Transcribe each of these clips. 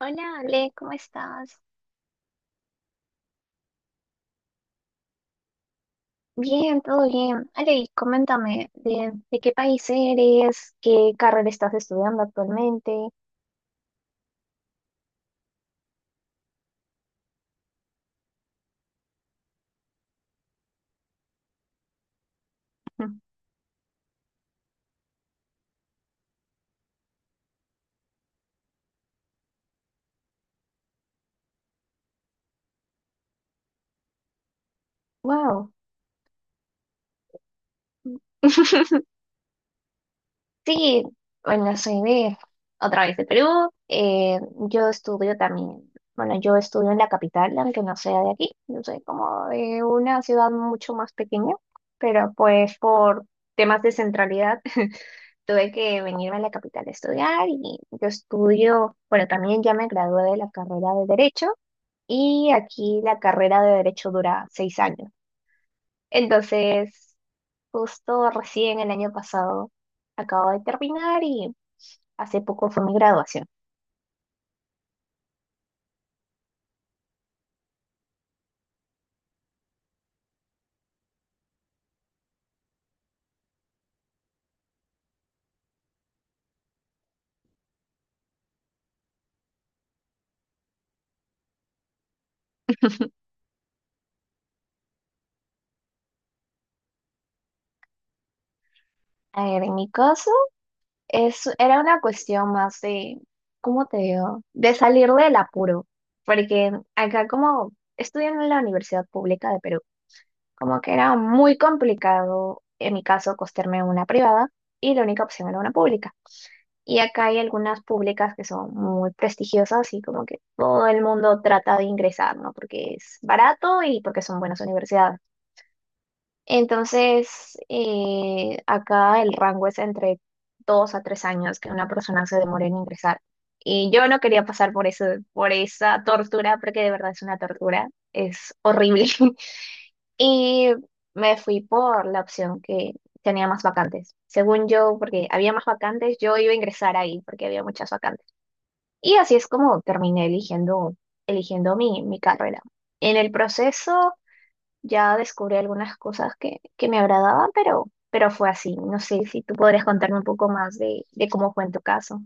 Hola Ale, ¿cómo estás? Bien, todo bien. Ale, y coméntame de qué país eres, qué carrera estás estudiando actualmente. Wow. Sí, bueno, soy de otra vez de Perú. eh, yo estudio también, bueno, yo estudio en la capital, aunque no sea de aquí. Yo soy como de una ciudad mucho más pequeña, pero pues por temas de centralidad tuve que venirme a la capital a estudiar y yo estudio, bueno, también ya me gradué de la carrera de Derecho y aquí la carrera de Derecho dura 6 años. Entonces, justo recién el año pasado acabo de terminar y hace poco fue mi graduación. A ver, en mi caso, era una cuestión más de, ¿cómo te digo? De salir del apuro. Porque acá como estudiando en la Universidad Pública de Perú, como que era muy complicado, en mi caso, costearme una privada y la única opción era una pública. Y acá hay algunas públicas que son muy prestigiosas y como que todo el mundo trata de ingresar, ¿no? Porque es barato y porque son buenas universidades. Entonces, acá el rango es entre 2 a 3 años que una persona se demore en ingresar. Y yo no quería pasar por eso, por esa tortura, porque de verdad es una tortura, es horrible. Y me fui por la opción que tenía más vacantes. Según yo, porque había más vacantes, yo iba a ingresar ahí porque había muchas vacantes. Y así es como terminé eligiendo, eligiendo mi carrera. En el proceso ya descubrí algunas cosas que me agradaban, pero fue así. No sé si tú podrías contarme un poco más de cómo fue en tu caso.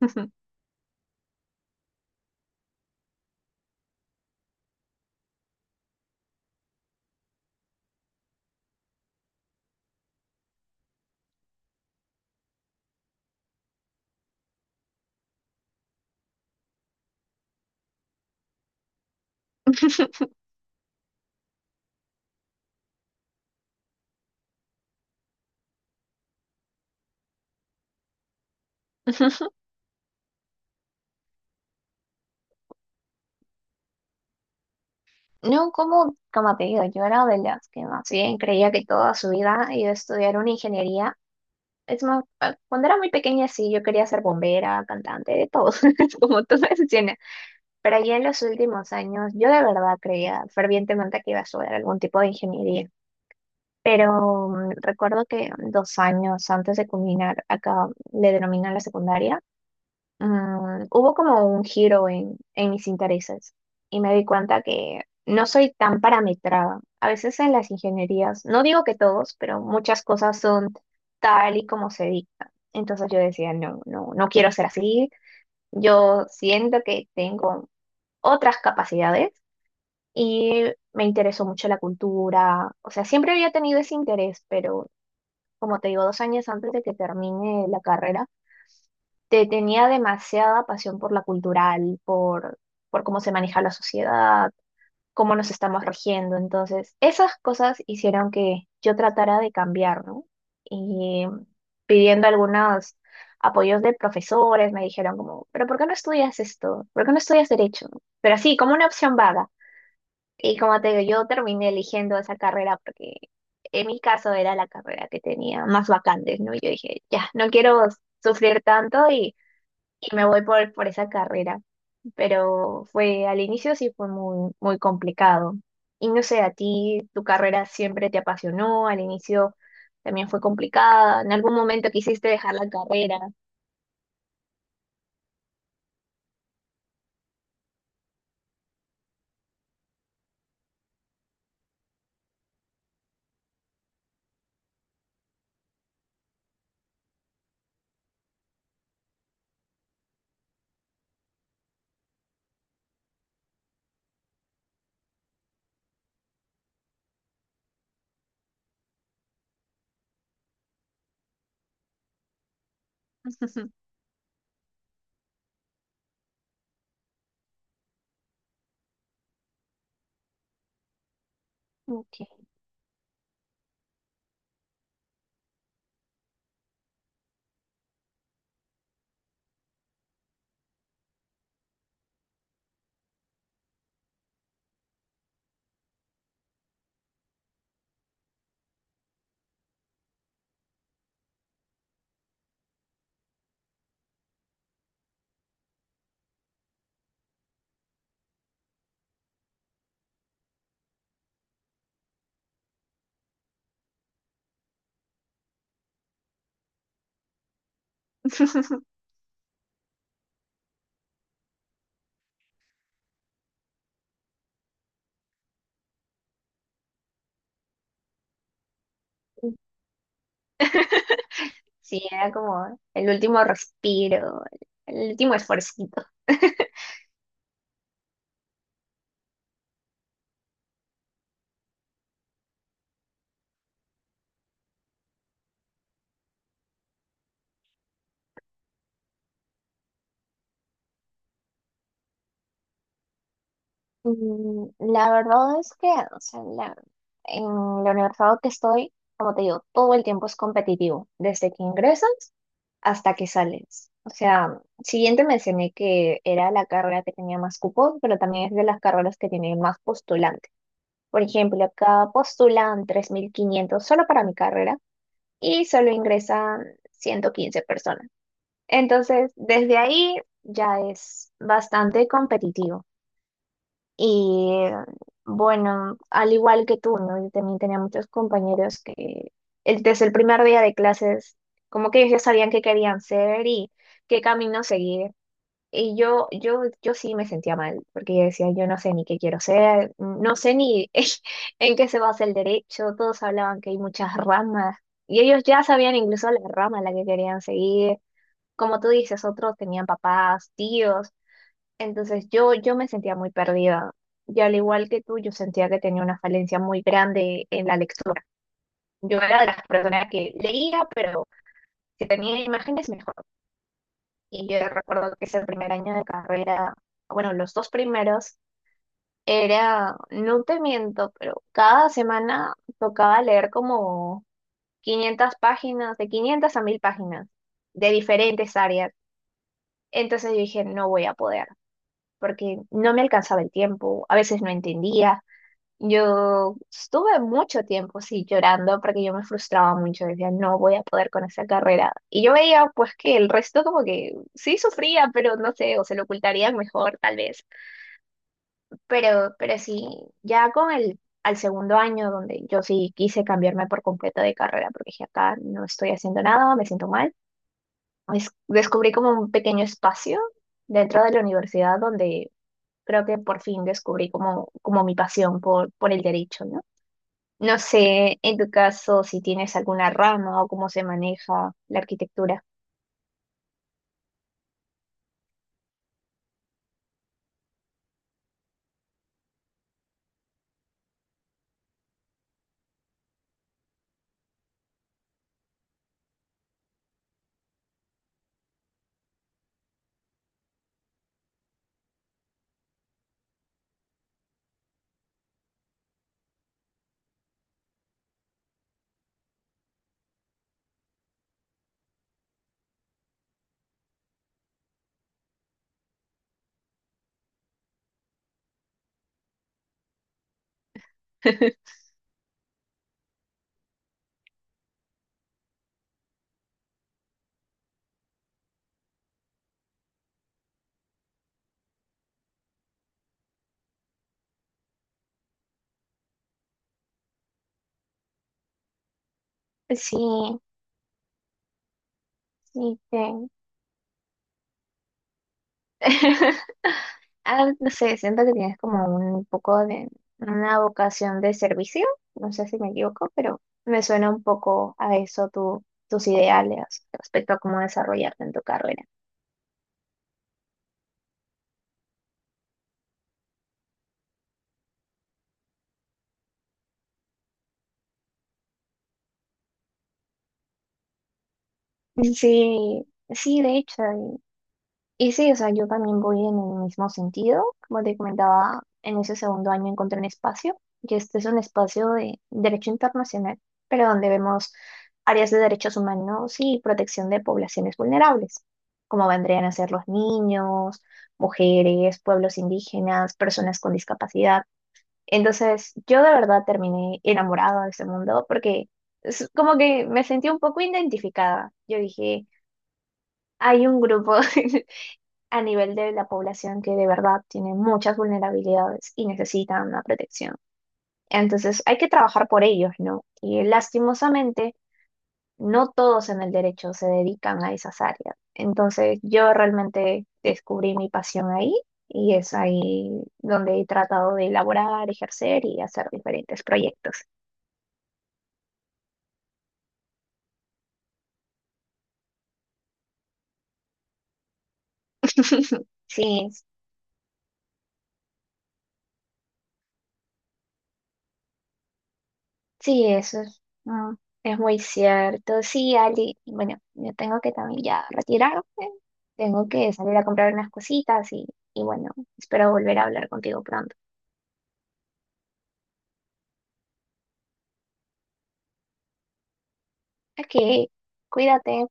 No, como, como te digo, yo era de las que más bien creía que toda su vida iba a estudiar una ingeniería. Es más, ah, cuando era muy pequeña sí, yo quería ser bombera, cantante, de todo, como tú mencionas. Pero ya en los últimos años, yo de verdad creía fervientemente que iba a estudiar algún tipo de ingeniería. Pero recuerdo que 2 años antes de culminar, acá le denominan la secundaria, hubo como un giro en mis intereses y me di cuenta que no soy tan parametrada. A veces en las ingenierías, no digo que todos, pero muchas cosas son tal y como se dictan. Entonces yo decía, no, no, no quiero ser así. Yo siento que tengo otras capacidades y me interesó mucho la cultura. O sea, siempre había tenido ese interés, pero como te digo, 2 años antes de que termine la carrera, te tenía demasiada pasión por la cultural, por cómo se maneja la sociedad, cómo nos estamos regiendo. Entonces, esas cosas hicieron que yo tratara de cambiar, ¿no? Y pidiendo algunos apoyos de profesores, me dijeron como, pero ¿por qué no estudias esto? ¿Por qué no estudias derecho? Pero así, como una opción vaga. Y como te digo, yo terminé eligiendo esa carrera porque en mi caso era la carrera que tenía más vacantes, ¿no? Y yo dije, ya, no quiero sufrir tanto y me voy por esa carrera. Pero fue, al inicio sí fue muy, muy complicado. Y no sé, a ti tu carrera siempre te apasionó, al inicio también fue complicada, en algún momento quisiste dejar la carrera. Ok. Sí, era como el último respiro, el último esfuercito. La verdad es que, o sea, en la universidad que estoy, como te digo, todo el tiempo es competitivo, desde que ingresas hasta que sales. O sea, siguiente mencioné que era la carrera que tenía más cupos, pero también es de las carreras que tiene más postulantes. Por ejemplo, acá postulan 3.500 solo para mi carrera y solo ingresan 115 personas. Entonces, desde ahí ya es bastante competitivo. Y bueno, al igual que tú, ¿no? Yo también tenía muchos compañeros que desde el primer día de clases, como que ellos ya sabían qué querían ser y qué camino seguir. Y yo sí me sentía mal, porque yo decía, yo no sé ni qué quiero ser, no sé ni en qué se basa el derecho, todos hablaban que hay muchas ramas, y ellos ya sabían incluso la rama a la que querían seguir, como tú dices, otros tenían papás, tíos, entonces yo me sentía muy perdida. Y al igual que tú, yo sentía que tenía una falencia muy grande en la lectura. Yo era de las personas que leía, pero si tenía imágenes, mejor. Y yo recuerdo que ese primer año de carrera, bueno, los dos primeros, era, no te miento, pero cada semana tocaba leer como 500 páginas, de 500 a 1.000 páginas, de diferentes áreas. Entonces yo dije, no voy a poder, porque no me alcanzaba el tiempo, a veces no entendía. Yo estuve mucho tiempo, sí, llorando porque yo me frustraba mucho, decía, no voy a poder con esa carrera. Y yo veía, pues, que el resto como que sí sufría, pero no sé, o se lo ocultarían mejor, tal vez. Pero sí, ya con el, al segundo año, donde yo sí quise cambiarme por completo de carrera, porque dije, acá no estoy haciendo nada, me siento mal, descubrí como un pequeño espacio dentro de la universidad donde creo que por fin descubrí como, como mi pasión por el derecho, ¿no? No sé, en tu caso, si tienes alguna rama o cómo se maneja la arquitectura. Sí, sí, Ah, no sé, siento que tienes como un poco de una vocación de servicio, no sé si me equivoco, pero me suena un poco a eso tu, tus ideales respecto a cómo desarrollarte en tu carrera. Sí, sí, de hecho, y sí, o sea, yo también voy en el mismo sentido. Como te comentaba, en ese segundo año encontré un espacio, y este es un espacio de derecho internacional, pero donde vemos áreas de derechos humanos y protección de poblaciones vulnerables, como vendrían a ser los niños, mujeres, pueblos indígenas, personas con discapacidad. Entonces, yo de verdad terminé enamorada de ese mundo porque es como que me sentí un poco identificada. Yo dije, hay un grupo a nivel de la población que de verdad tiene muchas vulnerabilidades y necesita una protección. Entonces hay que trabajar por ellos, ¿no? Y lastimosamente, no todos en el derecho se dedican a esas áreas. Entonces yo realmente descubrí mi pasión ahí y es ahí donde he tratado de elaborar, ejercer y hacer diferentes proyectos. Sí, sí, eso es, ah, es muy cierto. Sí, Ali, bueno, yo tengo que también ya retirarme, tengo que salir a comprar unas cositas y bueno, espero volver a hablar contigo pronto. Ok, cuídate.